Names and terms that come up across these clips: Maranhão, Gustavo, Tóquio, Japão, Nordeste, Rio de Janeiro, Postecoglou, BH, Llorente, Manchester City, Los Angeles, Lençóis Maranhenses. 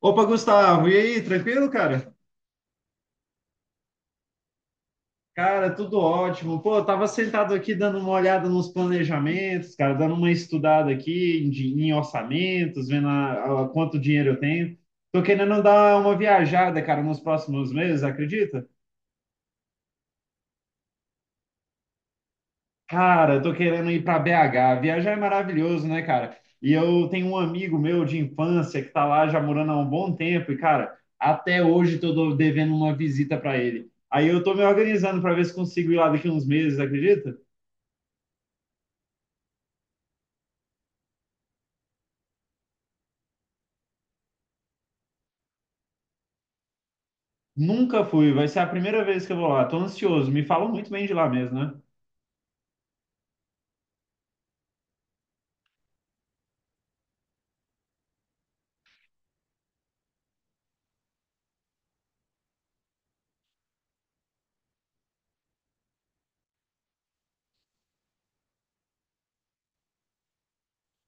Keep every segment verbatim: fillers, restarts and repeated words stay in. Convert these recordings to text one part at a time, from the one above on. Opa, Gustavo, e aí, tranquilo, cara? Cara, tudo ótimo. Pô, eu tava sentado aqui dando uma olhada nos planejamentos, cara, dando uma estudada aqui em, di- em orçamentos, vendo a, a- quanto dinheiro eu tenho. Tô querendo dar uma viajada, cara, nos próximos meses, acredita? Cara, eu tô querendo ir para B H. Viajar é maravilhoso, né, cara? E eu tenho um amigo meu de infância que tá lá já morando há um bom tempo e, cara, até hoje tô do- devendo uma visita para ele. Aí eu tô me organizando para ver se consigo ir lá daqui uns meses, acredita? Nunca fui, vai ser a primeira vez que eu vou lá. Tô ansioso, me falam muito bem de lá mesmo, né?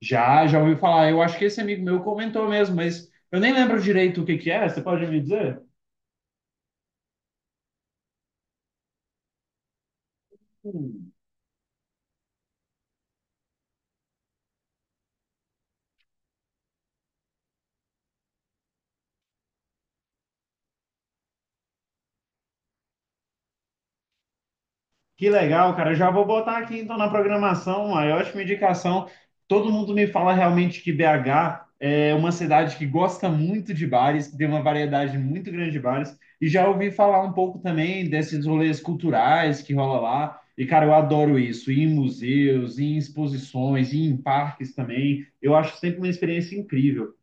Já, já ouvi falar. Eu acho que esse amigo meu comentou mesmo, mas eu nem lembro direito o que que é. Você pode me dizer? Que legal, cara. Eu já vou botar aqui então na programação uma ótima indicação. Todo mundo me fala realmente que B H é uma cidade que gosta muito de bares, que tem uma variedade muito grande de bares. E já ouvi falar um pouco também desses rolês culturais que rola lá. E, cara, eu adoro isso, ir em museus, ir em exposições, ir em parques também. Eu acho sempre uma experiência incrível.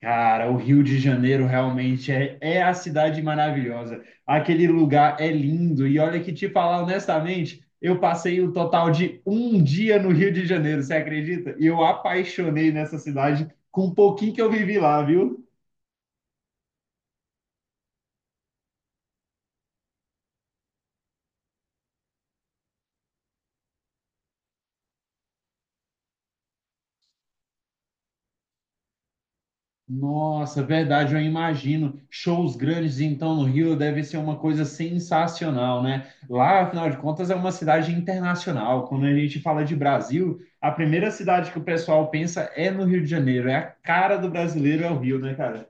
Cara, o Rio de Janeiro realmente é, é a cidade maravilhosa. Aquele lugar é lindo. E olha que te falar honestamente, eu passei o total de um dia no Rio de Janeiro, você acredita? E eu apaixonei nessa cidade com um pouquinho que eu vivi lá, viu? Nossa, verdade, eu imagino. Shows grandes, então, no Rio deve ser uma coisa sensacional, né? Lá, afinal de contas, é uma cidade internacional. Quando a gente fala de Brasil, a primeira cidade que o pessoal pensa é no Rio de Janeiro. É a cara do brasileiro, é o Rio, né, cara?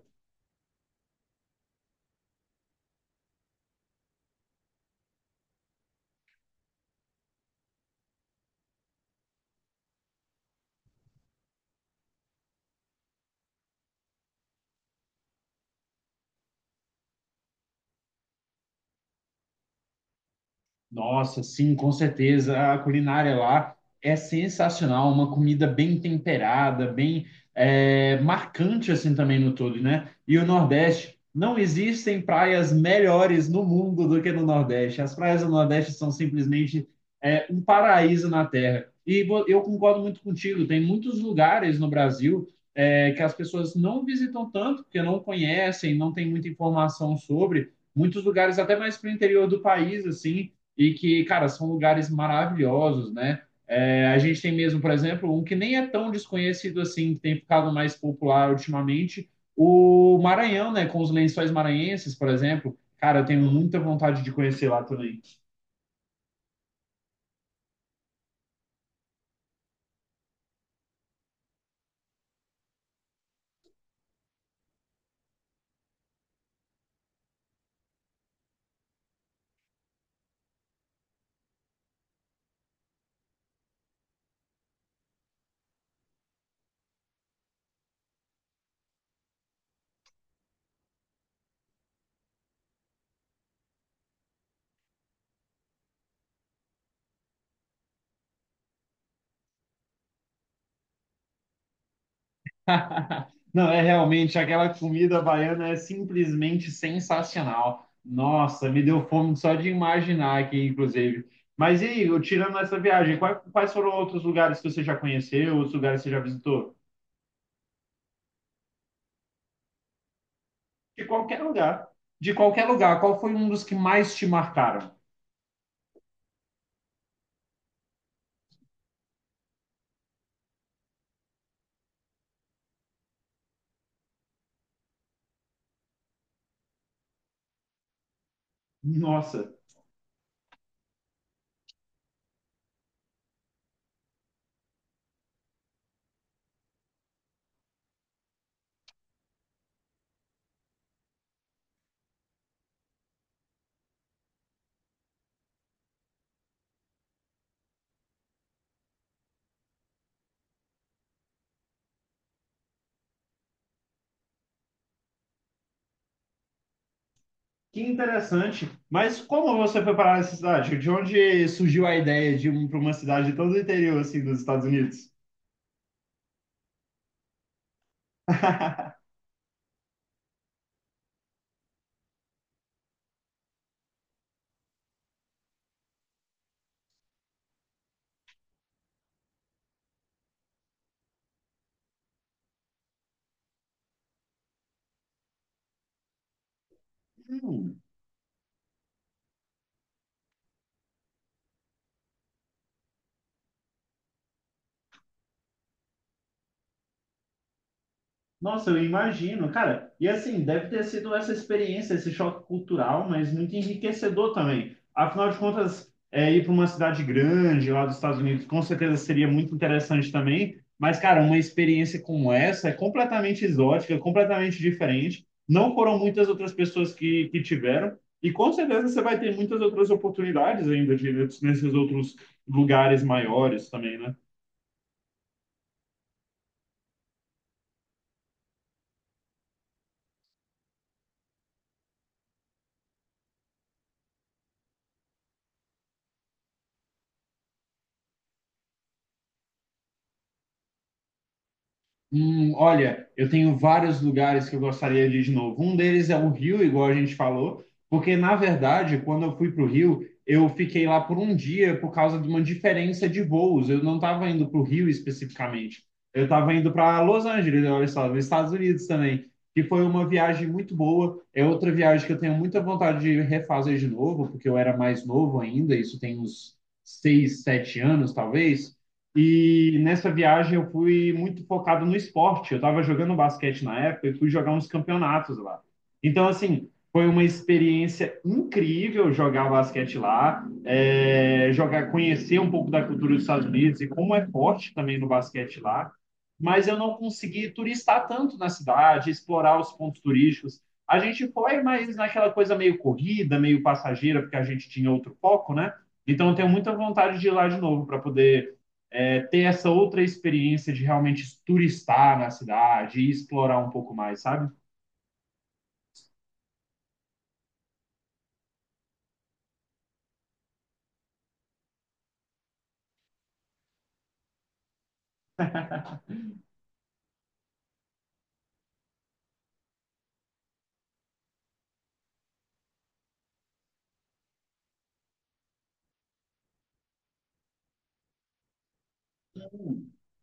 Nossa, sim, com certeza. A culinária lá é sensacional, uma comida bem temperada, bem é, marcante assim também no todo, né? E o Nordeste, não existem praias melhores no mundo do que no Nordeste. As praias do Nordeste são simplesmente é, um paraíso na Terra. E vo- eu concordo muito contigo. Tem muitos lugares no Brasil é, que as pessoas não visitam tanto, porque não conhecem, não tem muita informação sobre. Muitos lugares até mais para o interior do país, assim e que, cara, são lugares maravilhosos, né? É, a gente tem mesmo, por exemplo, um que nem é tão desconhecido assim, que tem ficado mais popular ultimamente, o Maranhão, né? Com os lençóis maranhenses, por exemplo. Cara, eu tenho muita vontade de conhecer lá também. Não, é realmente, aquela comida baiana é simplesmente sensacional. Nossa, me deu fome só de imaginar aqui, inclusive. Mas e aí, tirando essa viagem, quais, quais foram outros lugares que você já conheceu, outros lugares que você já visitou? De qualquer lugar. De qualquer lugar. Qual foi um dos que mais te marcaram? Nossa, que interessante. Mas como você foi parar nessa cidade? De onde surgiu a ideia de ir para uma cidade todo o interior assim, dos Estados Unidos? Hum. Nossa, eu imagino, cara. E assim, deve ter sido essa experiência, esse choque cultural, mas muito enriquecedor também. Afinal de contas, é, ir para uma cidade grande lá dos Estados Unidos, com certeza seria muito interessante também. Mas, cara, uma experiência como essa é completamente exótica, completamente diferente. Não foram muitas outras pessoas que, que tiveram. E com certeza você vai ter muitas outras oportunidades ainda de, nesses outros lugares maiores também, né? Hum, olha, eu tenho vários lugares que eu gostaria de ir de novo. Um deles é o Rio, igual a gente falou, porque na verdade, quando eu fui para o Rio, eu fiquei lá por um dia por causa de uma diferença de voos. Eu não estava indo para o Rio especificamente. Eu estava indo para Los Angeles, olha só, nos Estados Unidos também, que foi uma viagem muito boa. É outra viagem que eu tenho muita vontade de refazer de novo, porque eu era mais novo ainda, isso tem uns seis, sete anos, talvez. E nessa viagem eu fui muito focado no esporte. Eu estava jogando basquete na época e fui jogar uns campeonatos lá. Então, assim, foi uma experiência incrível jogar basquete lá, é, jogar, conhecer um pouco da cultura dos Estados Unidos e como é forte também no basquete lá. Mas eu não consegui turistar tanto na cidade, explorar os pontos turísticos. A gente foi, mas naquela coisa meio corrida, meio passageira, porque a gente tinha outro foco, né? Então, eu tenho muita vontade de ir lá de novo para poder é, ter essa outra experiência de realmente turistar na cidade e explorar um pouco mais, sabe?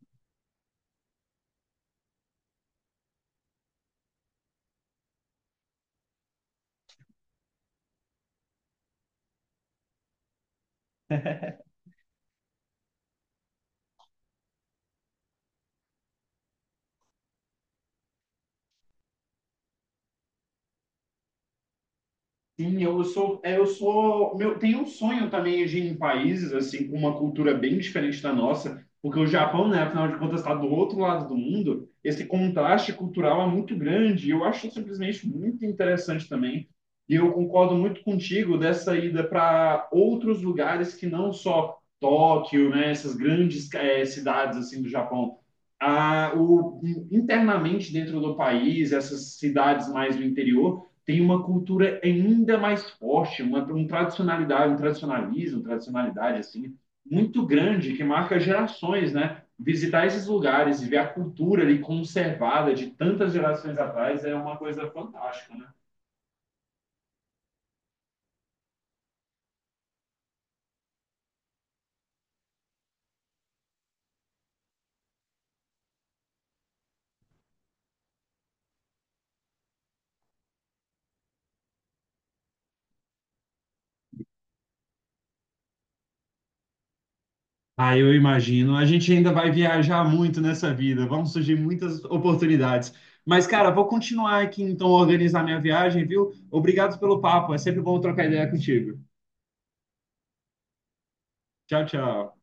Sim, eu sou, é, eu sou, meu, tenho um sonho também de ir em países assim com uma cultura bem diferente da nossa, porque o Japão, né, afinal de contas, está do outro lado do mundo. Esse contraste cultural é muito grande. E eu acho simplesmente muito interessante também. E eu concordo muito contigo dessa ida para outros lugares que não só Tóquio, né, essas grandes eh, cidades assim do Japão. Ah, o, Internamente dentro do país, essas cidades mais do interior tem uma cultura ainda mais forte, uma um tradicionalidade, um tradicionalismo, tradicionalidade assim muito grande que marca gerações, né? Visitar esses lugares e ver a cultura ali conservada de tantas gerações atrás é uma coisa fantástica, né? Ah, eu imagino. A gente ainda vai viajar muito nessa vida, vão surgir muitas oportunidades. Mas, cara, vou continuar aqui então a organizar minha viagem, viu? Obrigado pelo papo, é sempre bom trocar ideia contigo. Tchau, tchau.